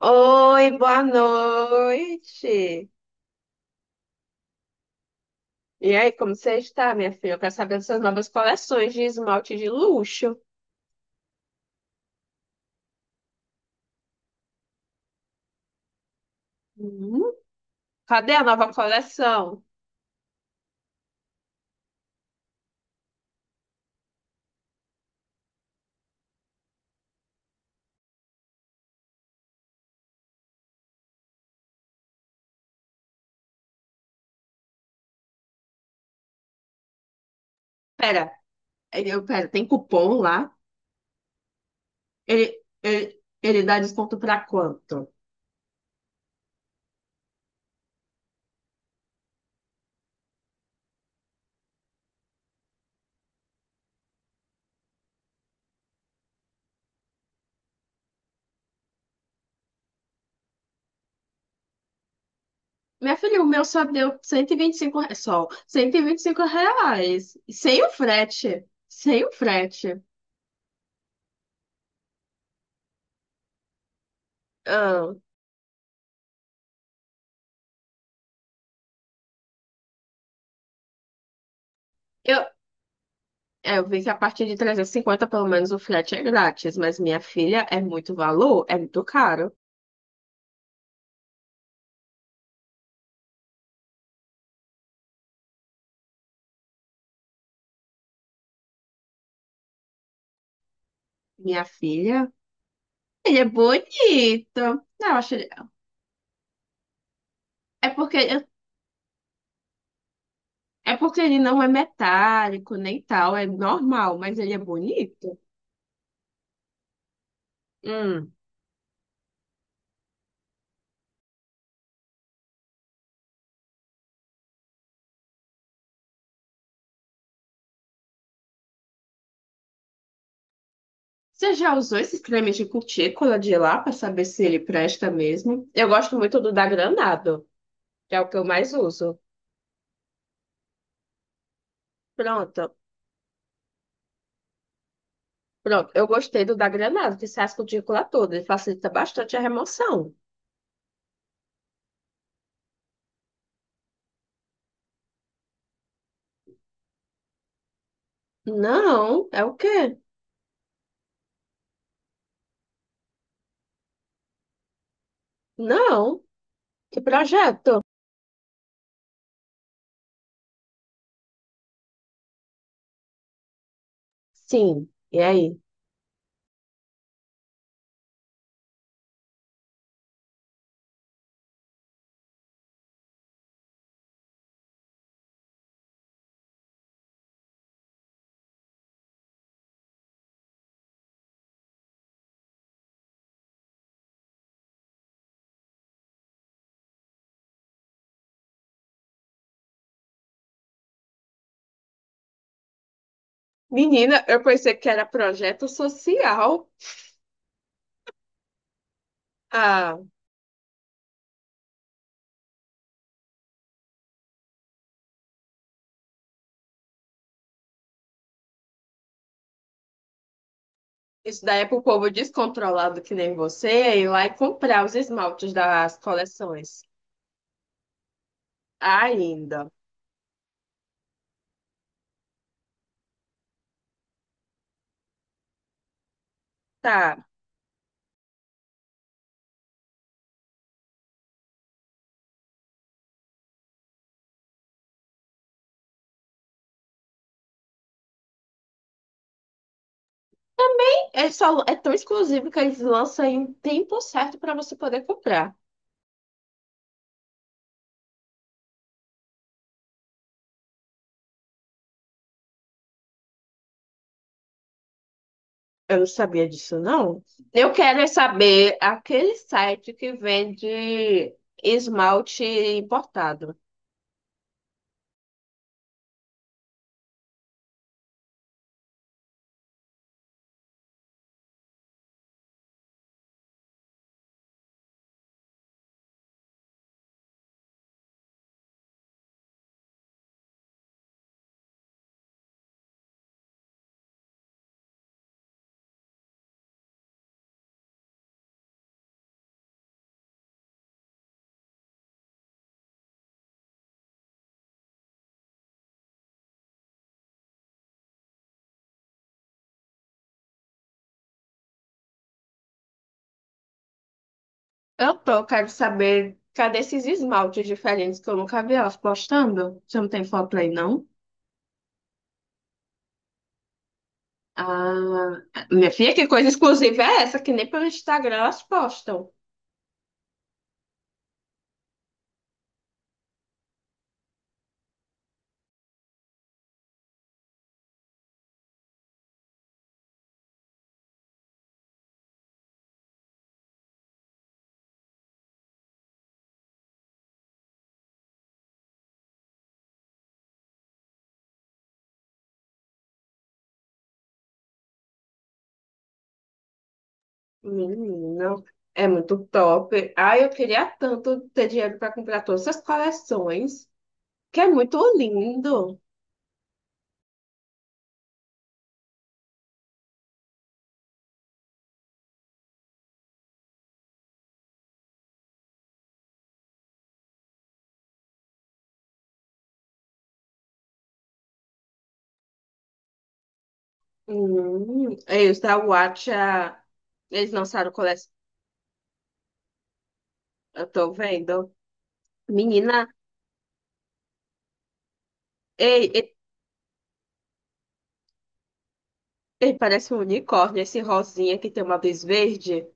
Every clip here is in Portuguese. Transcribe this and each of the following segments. Oi, boa noite. E aí, como você está, minha filha? Eu quero saber das suas novas coleções de esmalte de luxo. Hum, cadê a nova coleção? Pera, pera, tem cupom lá? Ele dá desconto para quanto? Minha filha, o meu só deu 125 reais, só 125 reais. Sem o frete. Sem o frete. Ah, eu, É, eu vi que a partir de 350, pelo menos, o frete é grátis, mas minha filha é muito valor, é muito caro. Minha filha, ele é bonito. Não, eu acho... ele- É porque, é porque ele não é metálico, nem tal, é normal, mas ele é bonito. Hum. Você já usou esses cremes de cutícula de lá para saber se ele presta mesmo? Eu gosto muito do da Granado, que é o que eu mais uso. Pronto, pronto. Eu gostei do da Granado, que sai as cutículas todas, ele facilita bastante a remoção. Não, é o quê? Não, que projeto? Sim, e aí? Menina, eu pensei que era projeto social. Ah, isso daí é pro povo descontrolado que nem você é ir lá e comprar os esmaltes das coleções. Ainda. Tá. Também é, só, é tão exclusivo que eles lançam em um tempo certo para você poder comprar. Eu não sabia disso, não. Eu quero é saber aquele site que vende esmalte importado. Eu tô, quero saber, cadê esses esmaltes diferentes que eu nunca vi elas postando? Você não tem foto aí, não? Ah, minha filha, que coisa exclusiva é essa? Que nem pelo Instagram elas postam. Menina, é muito top. Ai, eu queria tanto ter dinheiro para comprar todas essas coleções, que é muito lindo. E os da Watcha, eles lançaram coleção, eu tô vendo. Menina, ei, ei, ei, parece um unicórnio, esse rosinha que tem uma luz verde.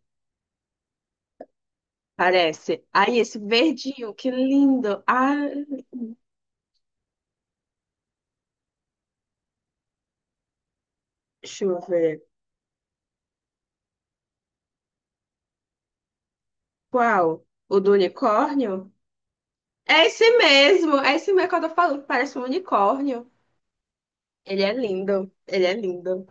Parece. Aí, esse verdinho, que lindo. Ah, deixa eu ver. Qual? O do unicórnio? É esse mesmo. É esse mesmo que eu tô falando, que parece um unicórnio. Ele é lindo. Ele é lindo.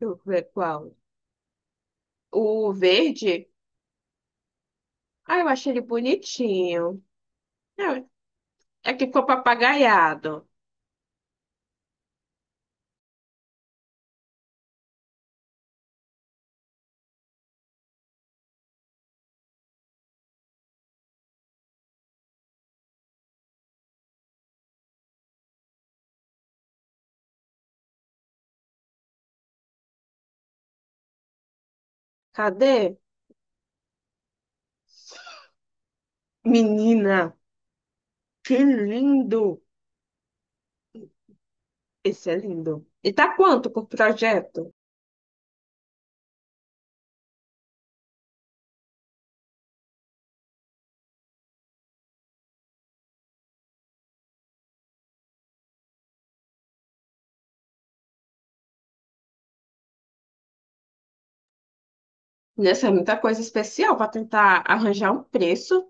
Deixa eu ver qual. O verde? Ah, eu achei ele bonitinho. É, é que ficou papagaiado. Cadê? Menina, que lindo! Esse é lindo. E tá quanto por projeto? Nessa é muita coisa especial para tentar arranjar um preço.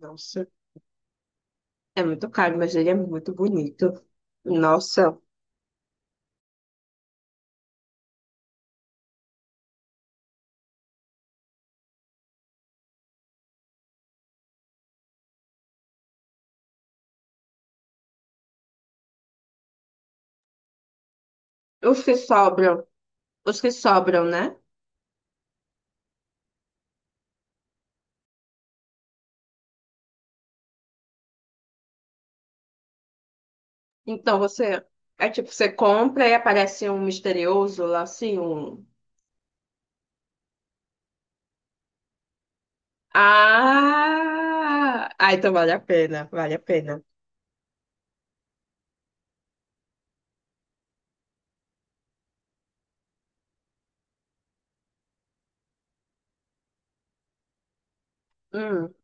Nossa, é muito caro, mas ele é muito bonito. Nossa, os que sobram, os que sobram, né? Então você é tipo, você compra e aparece um misterioso lá assim, um. Ah! Ah, então vale a pena, vale a pena. Hum.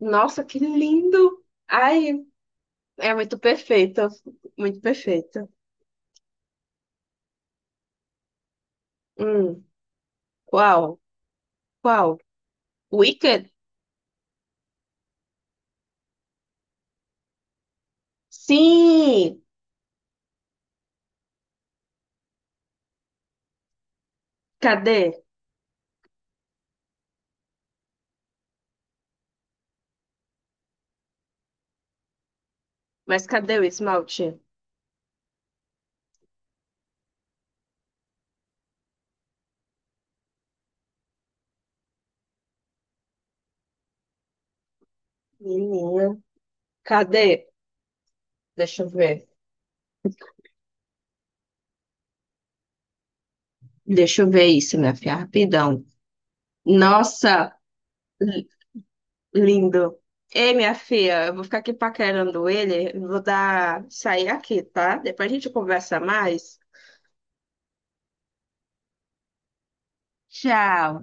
Nossa, que lindo! Ai, é muito perfeito, muito perfeito. Hum. Qual? Qual? Wicked? Sim! Cadê? Mas cadê o esmalte? Menina. Cadê? Deixa eu ver. Deixa eu ver isso, minha filha, rapidão. Nossa, li- lindo. Ei, minha filha, eu vou ficar aqui paquerando ele. Vou dar sair aqui, tá? Depois a gente conversa mais. Tchau.